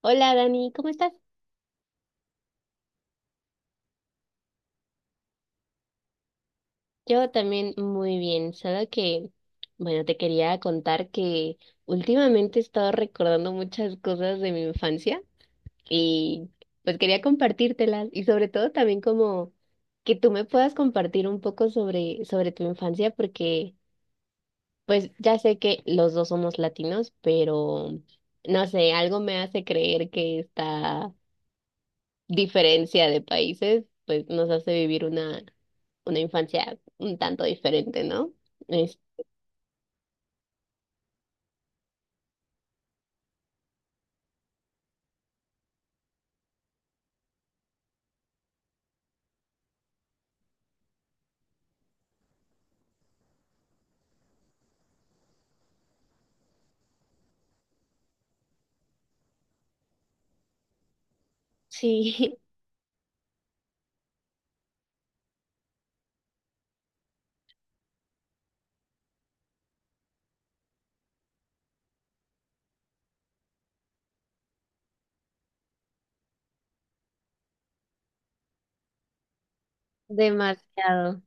Hola Dani, ¿cómo estás? Yo también muy bien, solo que, bueno, te quería contar que últimamente he estado recordando muchas cosas de mi infancia y pues quería compartírtelas y sobre todo también como que tú me puedas compartir un poco sobre tu infancia porque pues ya sé que los dos somos latinos, pero no sé, algo me hace creer que está diferencia de países, pues nos hace vivir una infancia un tanto diferente, ¿no? Es- sí, demasiado.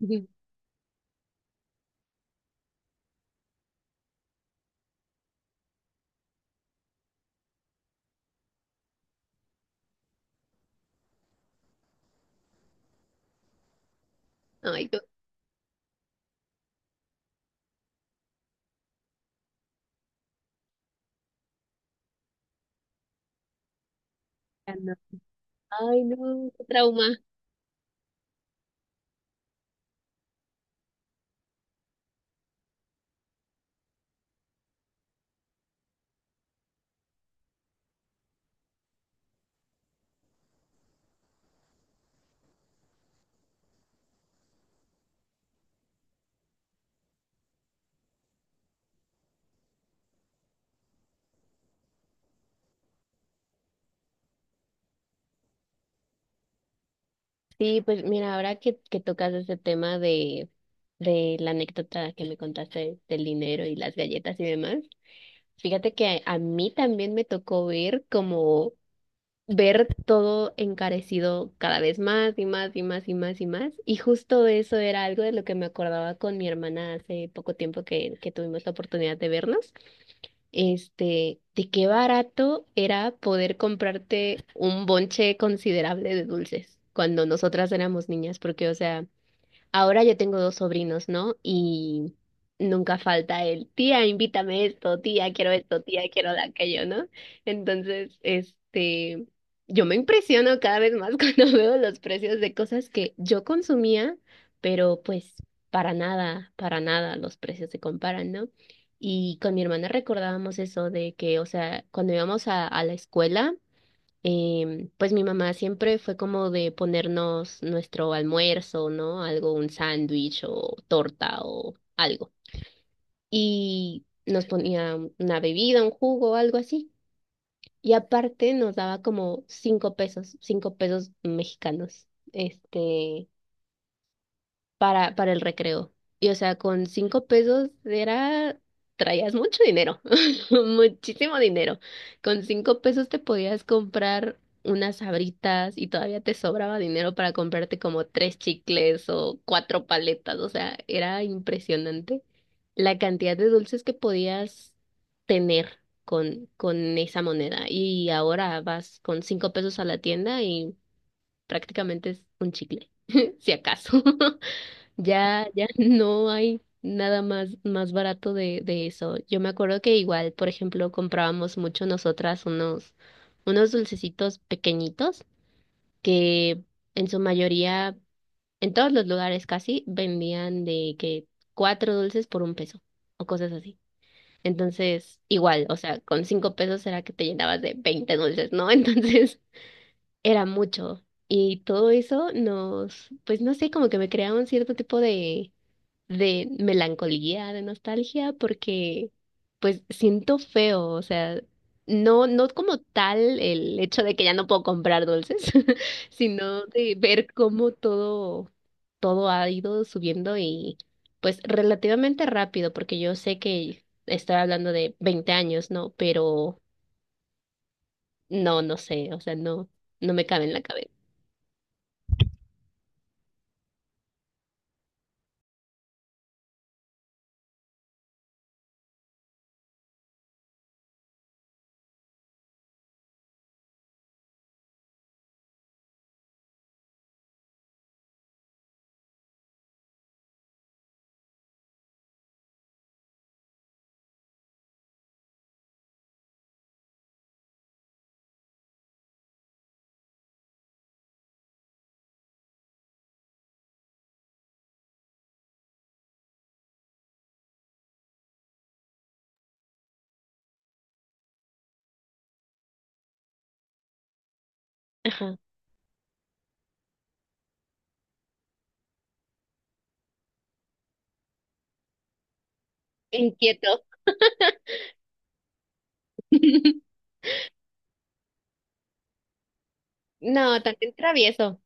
Ujú. Ay, qué- ya no. Ay, no, qué trauma. Sí, pues mira, ahora que tocas ese tema de la anécdota que me contaste del dinero y las galletas y demás, fíjate que a mí también me tocó ver como ver todo encarecido cada vez más y más y más y más y más. Y justo eso era algo de lo que me acordaba con mi hermana hace poco tiempo que tuvimos la oportunidad de vernos. Este, de qué barato era poder comprarte un bonche considerable de dulces cuando nosotras éramos niñas, porque, o sea, ahora yo tengo dos sobrinos, ¿no? Y nunca falta el, tía, invítame esto, tía, quiero la aquello, ¿no? Entonces, este, yo me impresiono cada vez más cuando veo los precios de cosas que yo consumía, pero pues para nada los precios se comparan, ¿no? Y con mi hermana recordábamos eso de que, o sea, cuando íbamos a la escuela, pues mi mamá siempre fue como de ponernos nuestro almuerzo, ¿no? Algo, un sándwich o torta o algo. Y nos ponía una bebida, un jugo o algo así. Y aparte nos daba como 5 pesos, 5 pesos mexicanos. Este, para el recreo. Y o sea, con 5 pesos era, traías mucho dinero, muchísimo dinero. Con cinco pesos te podías comprar unas sabritas y todavía te sobraba dinero para comprarte como tres chicles o cuatro paletas. O sea, era impresionante la cantidad de dulces que podías tener con esa moneda. Y ahora vas con 5 pesos a la tienda y prácticamente es un chicle, si acaso. Ya no hay nada más barato de eso. Yo me acuerdo que igual, por ejemplo, comprábamos mucho nosotras unos, unos dulcecitos pequeñitos que en su mayoría, en todos los lugares casi, vendían de que cuatro dulces por un peso o cosas así. Entonces, igual, o sea, con cinco pesos era que te llenabas de 20 dulces, ¿no? Entonces, era mucho. Y todo eso nos, pues no sé, como que me creaba un cierto tipo de melancolía, de nostalgia, porque pues siento feo, o sea, no, no como tal el hecho de que ya no puedo comprar dulces, sino de ver cómo todo, todo ha ido subiendo y pues relativamente rápido, porque yo sé que estoy hablando de 20 años, ¿no? Pero no, no sé, o sea, no, no me cabe en la cabeza. Ajá. Inquieto. No, también travieso.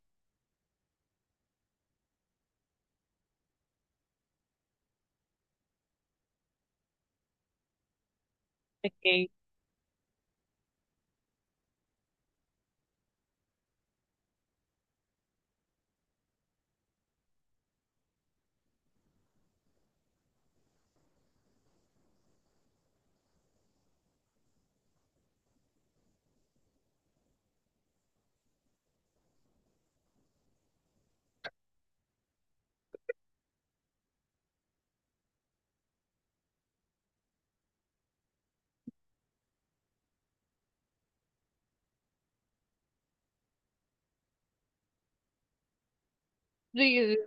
Sí, sí, sí.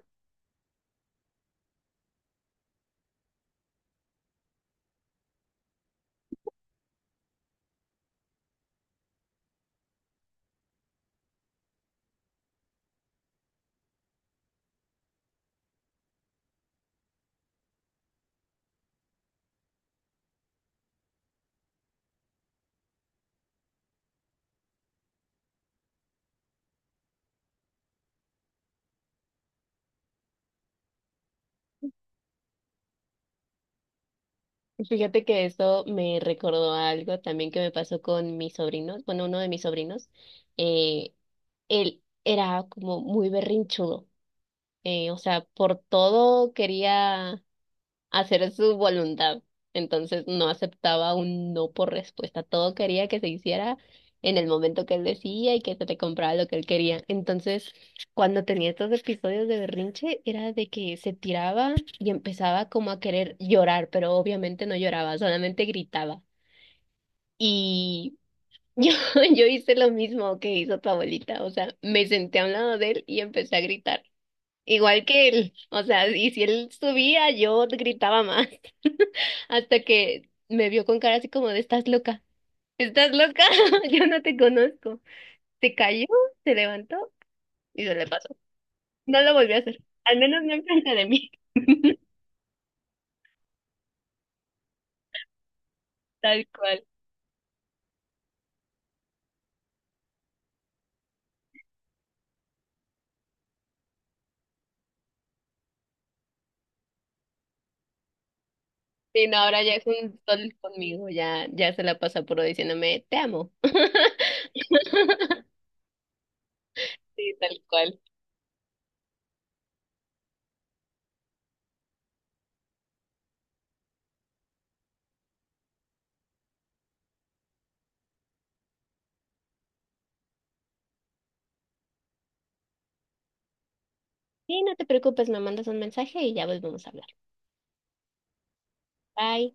Fíjate que esto me recordó a algo también que me pasó con mis sobrinos, bueno, uno de mis sobrinos, eh, él era como muy berrinchudo, o sea, por todo quería hacer su voluntad. Entonces no aceptaba un no por respuesta. Todo quería que se hiciera en el momento que él decía y que se le compraba lo que él quería. Entonces, cuando tenía estos episodios de berrinche, era de que se tiraba y empezaba como a querer llorar, pero obviamente no lloraba, solamente gritaba. Y yo, yo hice lo mismo que hizo tu abuelita, o sea, me senté a un lado de él y empecé a gritar. Igual que él, o sea, y si él subía, yo gritaba más, hasta que me vio con cara así como de, ¿estás loca? ¿Estás loca? Yo no te conozco. Se cayó, se levantó y se le pasó. No lo volvió a hacer, al menos no enfrente de mí, tal cual. Sí, no, ahora ya es un sol conmigo, ya, ya se la pasa puro diciéndome, te amo. Sí, tal cual. Sí, no te preocupes, me mandas un mensaje y ya volvemos a hablar. Bye.